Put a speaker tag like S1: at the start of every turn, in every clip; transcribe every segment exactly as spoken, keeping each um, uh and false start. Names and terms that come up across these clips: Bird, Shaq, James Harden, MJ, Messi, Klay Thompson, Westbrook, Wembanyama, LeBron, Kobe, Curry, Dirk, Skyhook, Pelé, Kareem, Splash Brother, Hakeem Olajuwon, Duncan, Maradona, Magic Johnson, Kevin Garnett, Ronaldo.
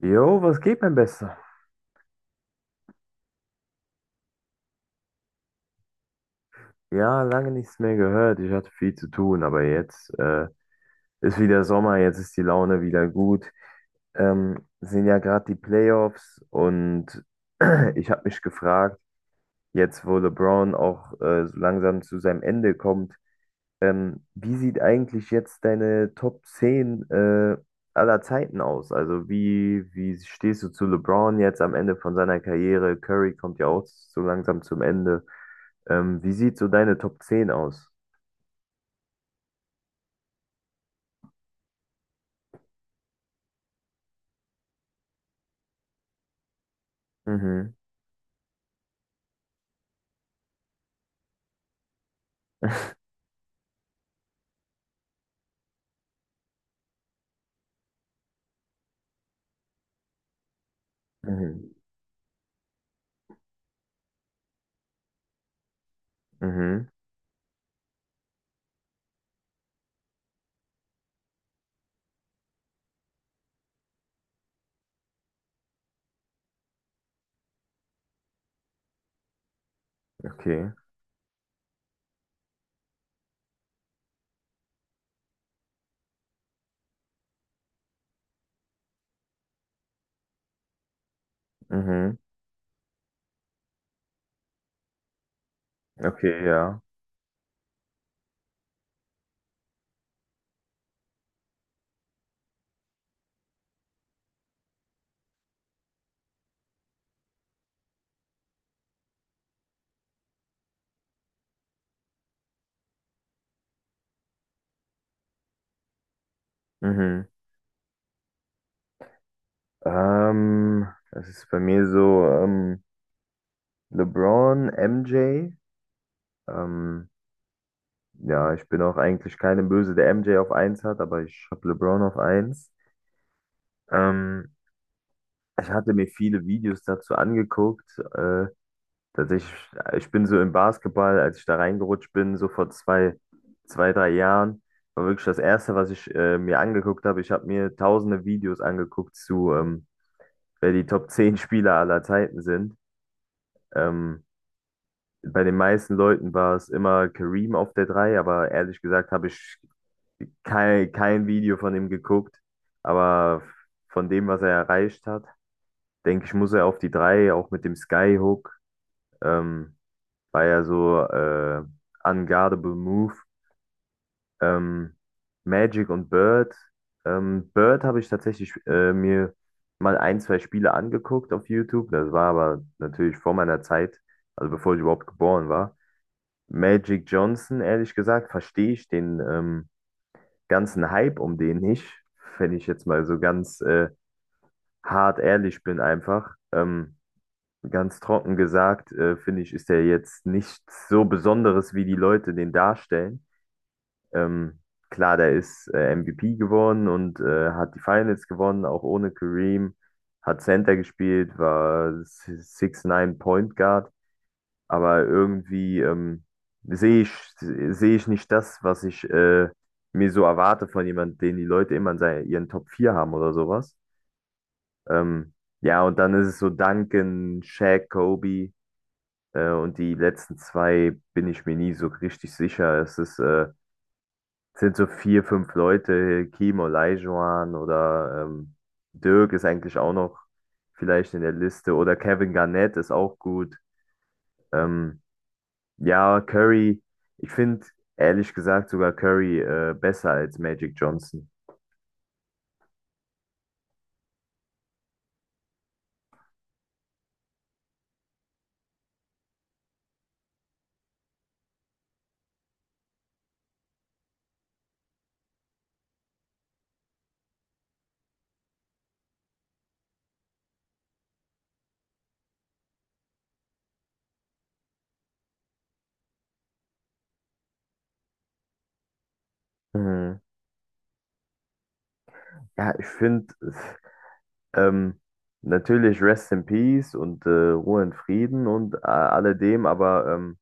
S1: Jo, was geht, mein Bester? Ja, lange nichts mehr gehört. Ich hatte viel zu tun, aber jetzt äh, ist wieder Sommer, jetzt ist die Laune wieder gut. Ähm, sind ja gerade die Playoffs und ich habe mich gefragt, jetzt wo LeBron auch äh, so langsam zu seinem Ende kommt, ähm, wie sieht eigentlich jetzt deine Top zehn äh, aller Zeiten aus? Also wie, wie stehst du zu LeBron jetzt am Ende von seiner Karriere? Curry kommt ja auch so langsam zum Ende. Ähm, wie sieht so deine Top zehn aus? Mhm. Mhm. Mhm. Okay. Mhm. Okay, ja. Mhm. Ähm, das ist bei mir so, ähm, LeBron, M J. Ähm, ja, ich bin auch eigentlich keine Böse, der M J auf eins hat, aber ich habe LeBron auf eins. Ähm, Ich hatte mir viele Videos dazu angeguckt. Äh, Tatsächlich, ich bin so im Basketball, als ich da reingerutscht bin, so vor zwei, zwei, drei Jahren, war wirklich das Erste, was ich äh, mir angeguckt habe. Ich habe mir tausende Videos angeguckt zu, ähm, wer die Top zehn Spieler aller Zeiten sind. Ähm, Bei den meisten Leuten war es immer Kareem auf der drei, aber ehrlich gesagt habe ich kein, kein Video von ihm geguckt. Aber von dem, was er erreicht hat, denke ich, muss er auf die drei, auch mit dem Skyhook. Ähm, War ja so äh, Unguardable Move. Ähm, Magic und Bird. Ähm, Bird habe ich tatsächlich äh, mir mal ein, zwei Spiele angeguckt auf YouTube. Das war aber natürlich vor meiner Zeit, also bevor ich überhaupt geboren war. Magic Johnson, ehrlich gesagt, verstehe ich den ähm, ganzen Hype um den nicht, wenn ich jetzt mal so ganz äh, hart ehrlich bin einfach. Ähm, ganz trocken gesagt, äh, finde ich, ist er jetzt nichts so Besonderes, wie die Leute den darstellen. Ähm, klar, der ist äh, M V P geworden und äh, hat die Finals gewonnen, auch ohne Kareem. Hat Center gespielt, war sechs'neun Point Guard, aber irgendwie ähm, sehe ich, sehe ich nicht das, was ich äh, mir so erwarte von jemandem, den die Leute immer in seinen, ihren Top vier haben oder sowas. Ähm, ja, und dann ist es so Duncan, Shaq, Kobe äh, und die letzten zwei bin ich mir nie so richtig sicher. Es ist äh, sind so vier, fünf Leute, Kim Olajuwon oder ähm, Dirk ist eigentlich auch noch vielleicht in der Liste oder Kevin Garnett ist auch gut. Ähm, ja, Curry, ich finde ehrlich gesagt sogar Curry äh, besser als Magic Johnson. Mhm. Ja, ich finde ähm, natürlich Rest in Peace und äh, Ruhe in Frieden und äh, alledem, aber ähm,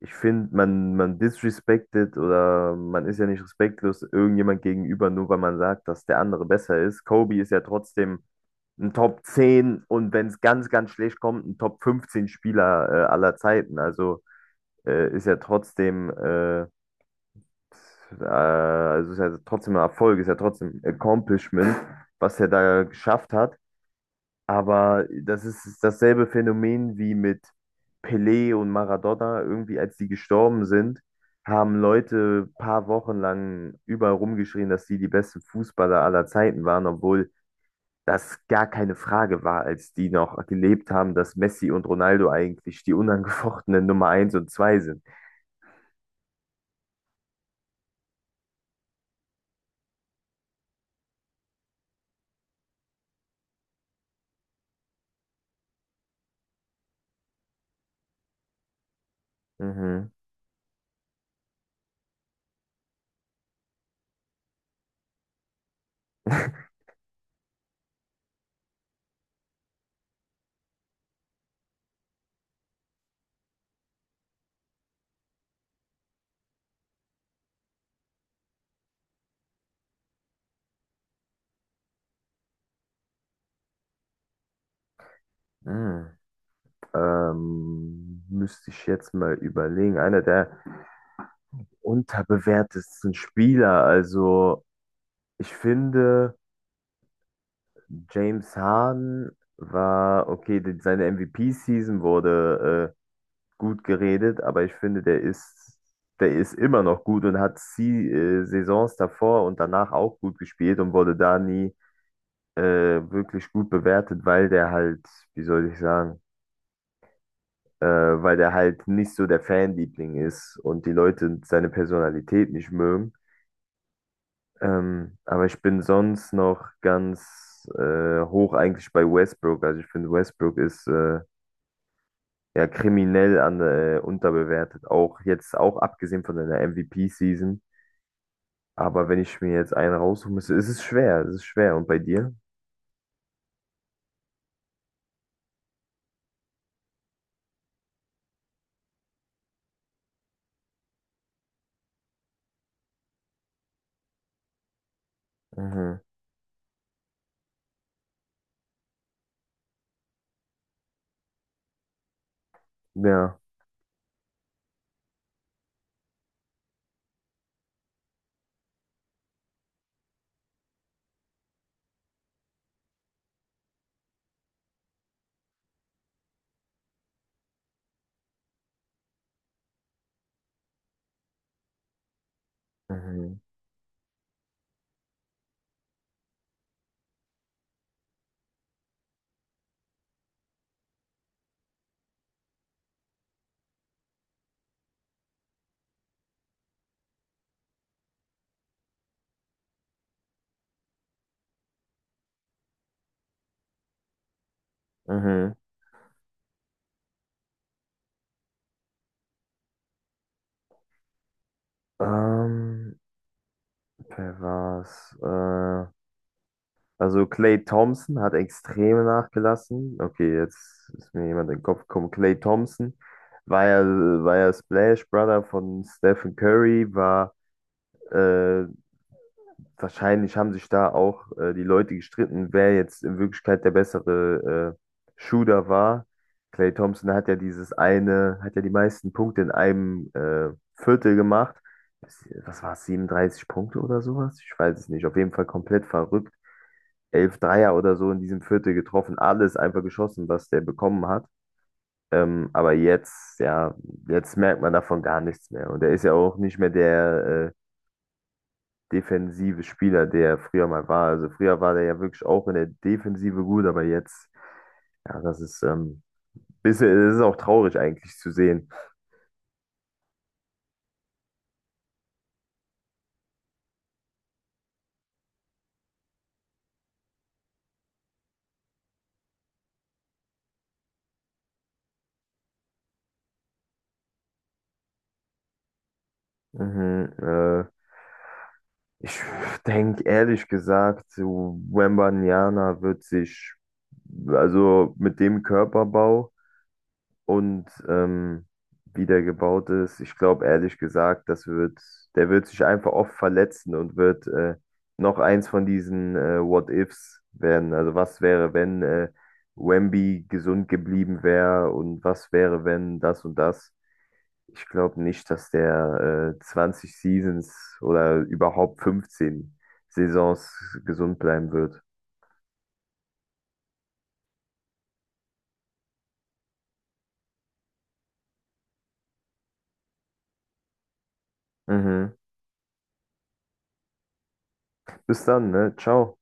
S1: ich finde, man, man disrespected, oder man ist ja nicht respektlos irgendjemand gegenüber, nur weil man sagt, dass der andere besser ist. Kobe ist ja trotzdem ein Top zehn und wenn es ganz, ganz schlecht kommt, ein Top fünfzehn Spieler äh, aller Zeiten. Also äh, ist ja trotzdem, äh, äh, also ist ja trotzdem ein Erfolg, ist ja trotzdem ein Accomplishment, was er da geschafft hat. Aber das ist dasselbe Phänomen wie mit Pelé und Maradona. Irgendwie, als die gestorben sind, haben Leute paar Wochen lang überall rumgeschrien, dass die die besten Fußballer aller Zeiten waren, obwohl das gar keine Frage war, als die noch gelebt haben, dass Messi und Ronaldo eigentlich die unangefochtenen Nummer eins und zwei sind. Mhm. Hm, ähm, Müsste ich jetzt mal überlegen. Einer der unterbewertesten Spieler. Also, ich finde, James Harden war, okay, die- seine M V P-Season wurde äh, gut geredet, aber ich finde, der ist, der ist immer noch gut und hat sie, äh, Saisons davor und danach auch gut gespielt und wurde da nie äh, wirklich gut bewertet, weil der halt, wie soll ich sagen, äh, weil der halt nicht so der Fanliebling ist und die Leute seine Personalität nicht mögen. Ähm, aber ich bin sonst noch ganz äh, hoch eigentlich bei Westbrook. Also ich finde, Westbrook ist äh, ja kriminell an, äh, unterbewertet. Auch jetzt, auch abgesehen von seiner M V P-Season. Aber wenn ich mir jetzt einen raussuchen müsste, ist es schwer. Es ist schwer. Und bei dir? Mhm. Ja. Mhm. Mhm. Ähm, Wer war's? Äh, Also Klay Thompson hat extrem nachgelassen. Okay, jetzt ist mir jemand in den Kopf gekommen. Klay Thompson war ja, war ja Splash Brother von Stephen Curry, war äh, wahrscheinlich haben sich da auch äh, die Leute gestritten, wer jetzt in Wirklichkeit der bessere äh, Shooter war. Klay Thompson hat ja dieses eine, hat ja die meisten Punkte in einem äh, Viertel gemacht. Was war es, siebenunddreißig Punkte oder sowas? Ich weiß es nicht. Auf jeden Fall komplett verrückt elf Dreier oder so in diesem Viertel getroffen, alles einfach geschossen, was der bekommen hat. Ähm, aber jetzt, ja, jetzt merkt man davon gar nichts mehr. Und er ist ja auch nicht mehr der äh, defensive Spieler, der er früher mal war. Also früher war der ja wirklich auch in der Defensive gut, aber jetzt, ja, das ist ähm, bisschen, das ist auch traurig eigentlich zu sehen. Mhm, äh, Ich denke ehrlich gesagt, Wembanyama wird sich, also mit dem Körperbau, und ähm, wie der gebaut ist. Ich glaube ehrlich gesagt, das wird, der wird sich einfach oft verletzen und wird äh, noch eins von diesen äh, What-Ifs werden. Also was wäre, wenn äh, Wemby gesund geblieben wäre und was wäre, wenn das und das. Ich glaube nicht, dass der äh, zwanzig Seasons oder überhaupt fünfzehn Saisons gesund bleiben wird. Mhm. Bis dann, ne? Ciao.